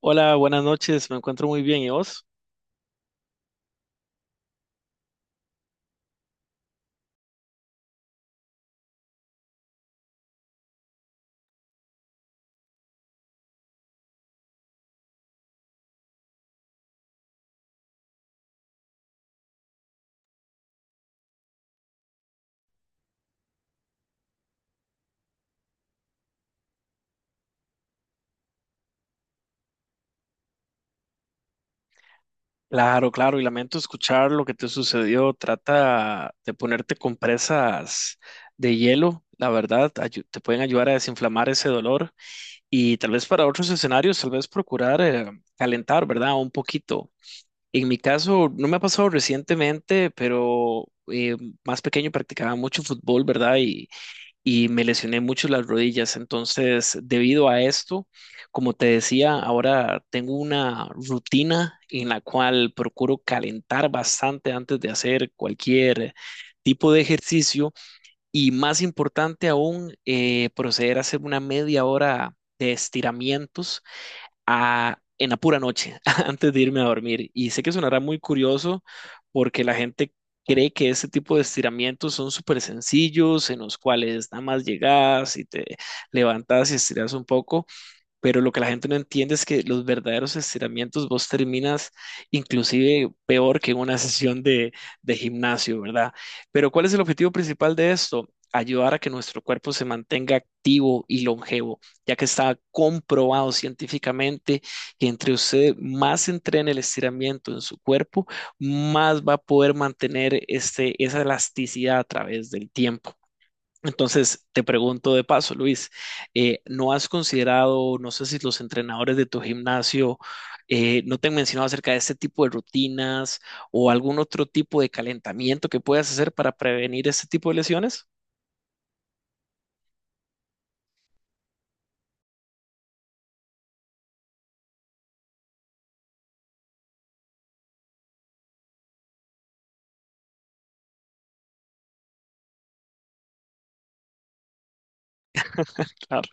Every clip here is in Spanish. Hola, buenas noches, me encuentro muy bien, ¿y vos? Claro, claro, y lamento escuchar lo que te sucedió. Trata de ponerte compresas de hielo, la verdad, te pueden ayudar a desinflamar ese dolor y tal vez para otros escenarios, tal vez procurar calentar, ¿verdad? Un poquito. En mi caso, no me ha pasado recientemente, pero eh, más pequeño practicaba mucho fútbol, ¿verdad? Y me lesioné mucho las rodillas. Entonces, debido a esto, como te decía, ahora tengo una rutina en la cual procuro calentar bastante antes de hacer cualquier tipo de ejercicio y más importante aún, proceder a hacer una media hora de estiramientos en la pura noche, antes de irme a dormir. Y sé que sonará muy curioso porque la gente cree que este tipo de estiramientos son súper sencillos, en los cuales nada más llegas y te levantas y estiras un poco, pero lo que la gente no entiende es que los verdaderos estiramientos vos terminas inclusive peor que en una sesión de gimnasio, ¿verdad? Pero ¿cuál es el objetivo principal de esto? Ayudar a que nuestro cuerpo se mantenga activo y longevo, ya que está comprobado científicamente que entre usted más entrene el estiramiento en su cuerpo, más va a poder mantener esa elasticidad a través del tiempo. Entonces, te pregunto de paso, Luis, ¿no has considerado? No sé si los entrenadores de tu gimnasio no te han mencionado acerca de este tipo de rutinas o algún otro tipo de calentamiento que puedas hacer para prevenir este tipo de lesiones. Claro.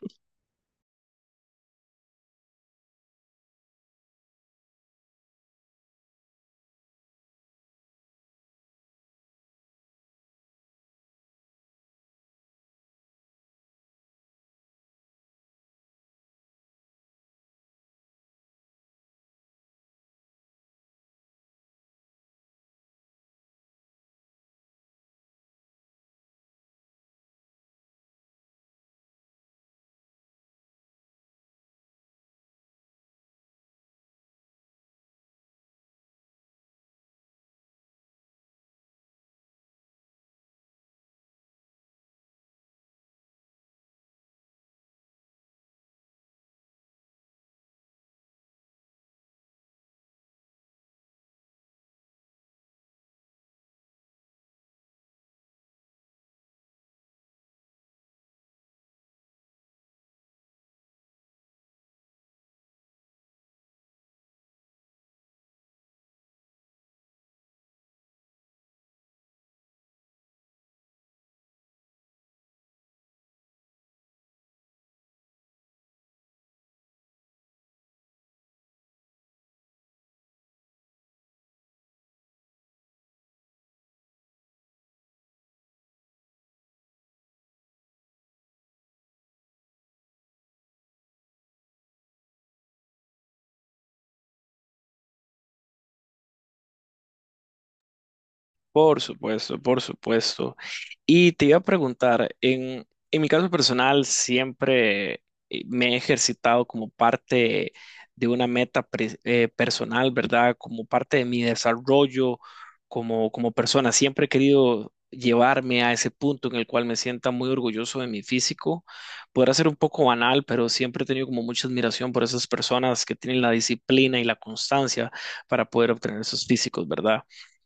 Por supuesto, por supuesto. Y te iba a preguntar, en mi caso personal siempre me he ejercitado como parte de una meta personal, ¿verdad? Como parte de mi desarrollo como persona. Siempre he querido llevarme a ese punto en el cual me sienta muy orgulloso de mi físico. Podrá ser un poco banal, pero siempre he tenido como mucha admiración por esas personas que tienen la disciplina y la constancia para poder obtener esos físicos, ¿verdad?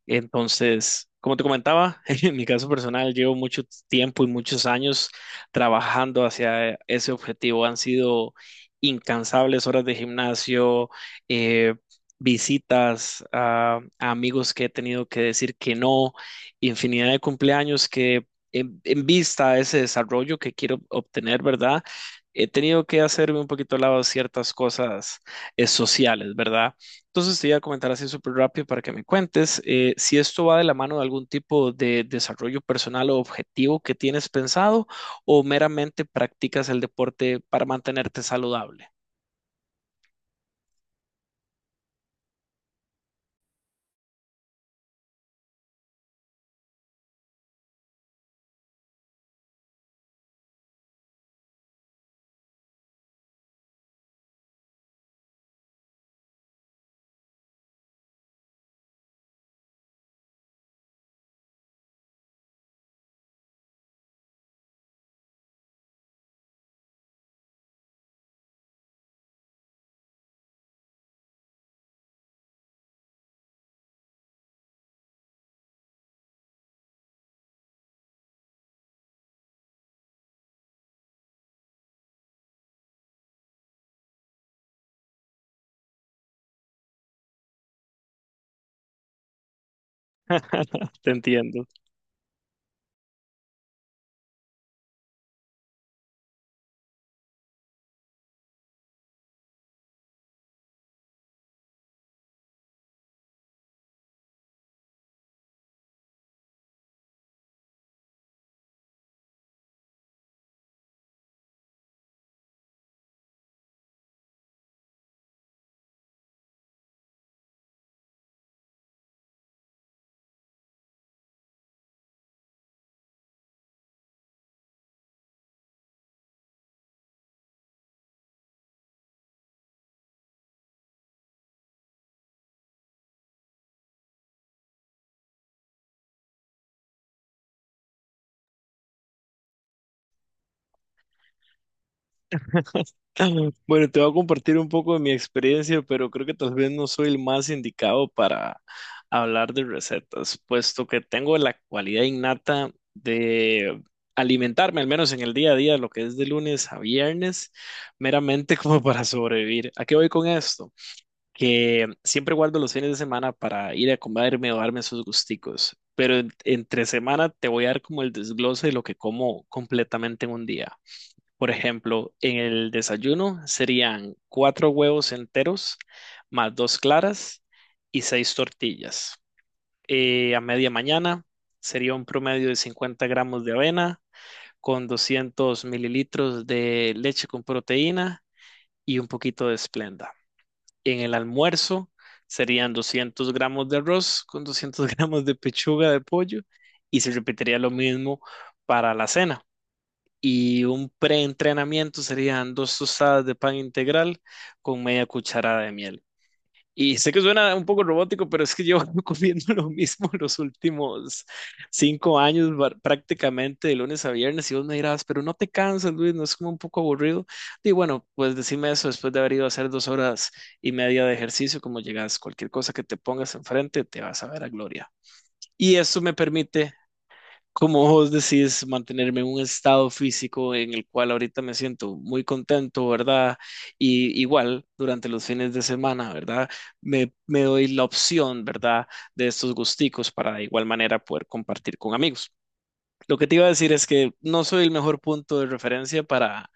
Entonces, como te comentaba, en mi caso personal, llevo mucho tiempo y muchos años trabajando hacia ese objetivo. Han sido incansables horas de gimnasio, eh, visitas a amigos que he tenido que decir que no, infinidad de cumpleaños que en vista a ese desarrollo que quiero obtener, ¿verdad? He tenido que hacerme un poquito al lado de ciertas cosas sociales, ¿verdad? Entonces te iba a comentar así súper rápido para que me cuentes si esto va de la mano de algún tipo de desarrollo personal o objetivo que tienes pensado o meramente practicas el deporte para mantenerte saludable. Te entiendo. Bueno, te voy a compartir un poco de mi experiencia, pero creo que tal vez no soy el más indicado para hablar de recetas, puesto que tengo la cualidad innata de alimentarme, al menos en el día a día, lo que es de lunes a viernes, meramente como para sobrevivir. ¿A qué voy con esto? Que siempre guardo los fines de semana para ir a comerme o darme esos gusticos, pero entre semana te voy a dar como el desglose de lo que como completamente en un día. Por ejemplo, en el desayuno serían cuatro huevos enteros más dos claras y seis tortillas. A media mañana sería un promedio de 50 gramos de avena con 200 mililitros de leche con proteína y un poquito de Splenda. En el almuerzo serían 200 gramos de arroz con 200 gramos de pechuga de pollo y se repetiría lo mismo para la cena, y un preentrenamiento serían dos tostadas de pan integral con media cucharada de miel. Y sé que suena un poco robótico, pero es que yo comiendo lo mismo los últimos 5 años, prácticamente de lunes a viernes, y vos me dirás, pero no te cansas, Luis, no es como un poco aburrido. Y bueno, pues decime eso después de haber ido a hacer 2 horas y media de ejercicio, como llegas, cualquier cosa que te pongas enfrente, te vas a ver a gloria. Y eso me permite, como vos decís, mantenerme en un estado físico en el cual ahorita me siento muy contento, ¿verdad? Y igual durante los fines de semana, ¿verdad? Me doy la opción, ¿verdad? De estos gusticos para de igual manera poder compartir con amigos. Lo que te iba a decir es que no soy el mejor punto de referencia para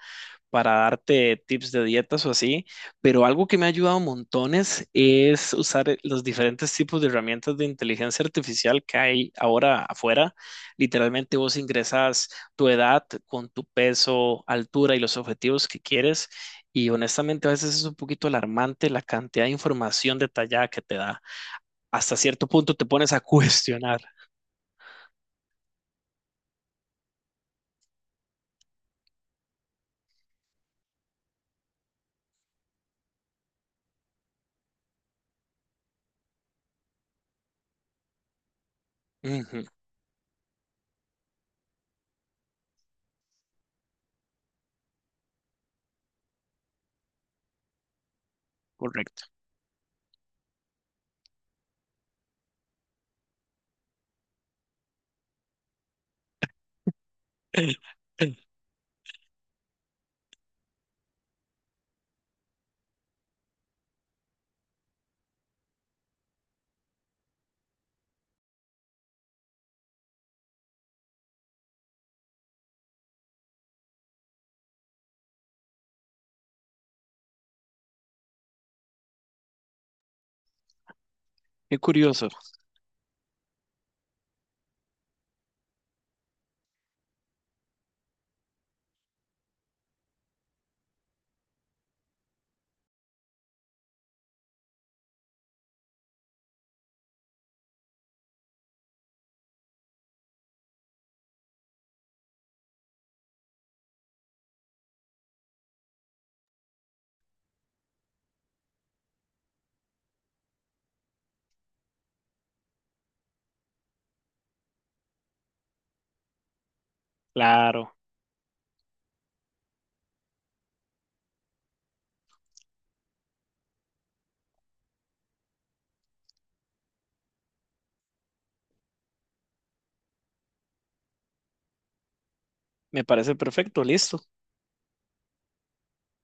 darte tips de dietas o así, pero algo que me ha ayudado montones es usar los diferentes tipos de herramientas de inteligencia artificial que hay ahora afuera. Literalmente vos ingresas tu edad con tu peso, altura y los objetivos que quieres. Y honestamente a veces es un poquito alarmante la cantidad de información detallada que te da. Hasta cierto punto te pones a cuestionar. Ujú, correcto. Qué curioso. Claro, me parece perfecto, listo.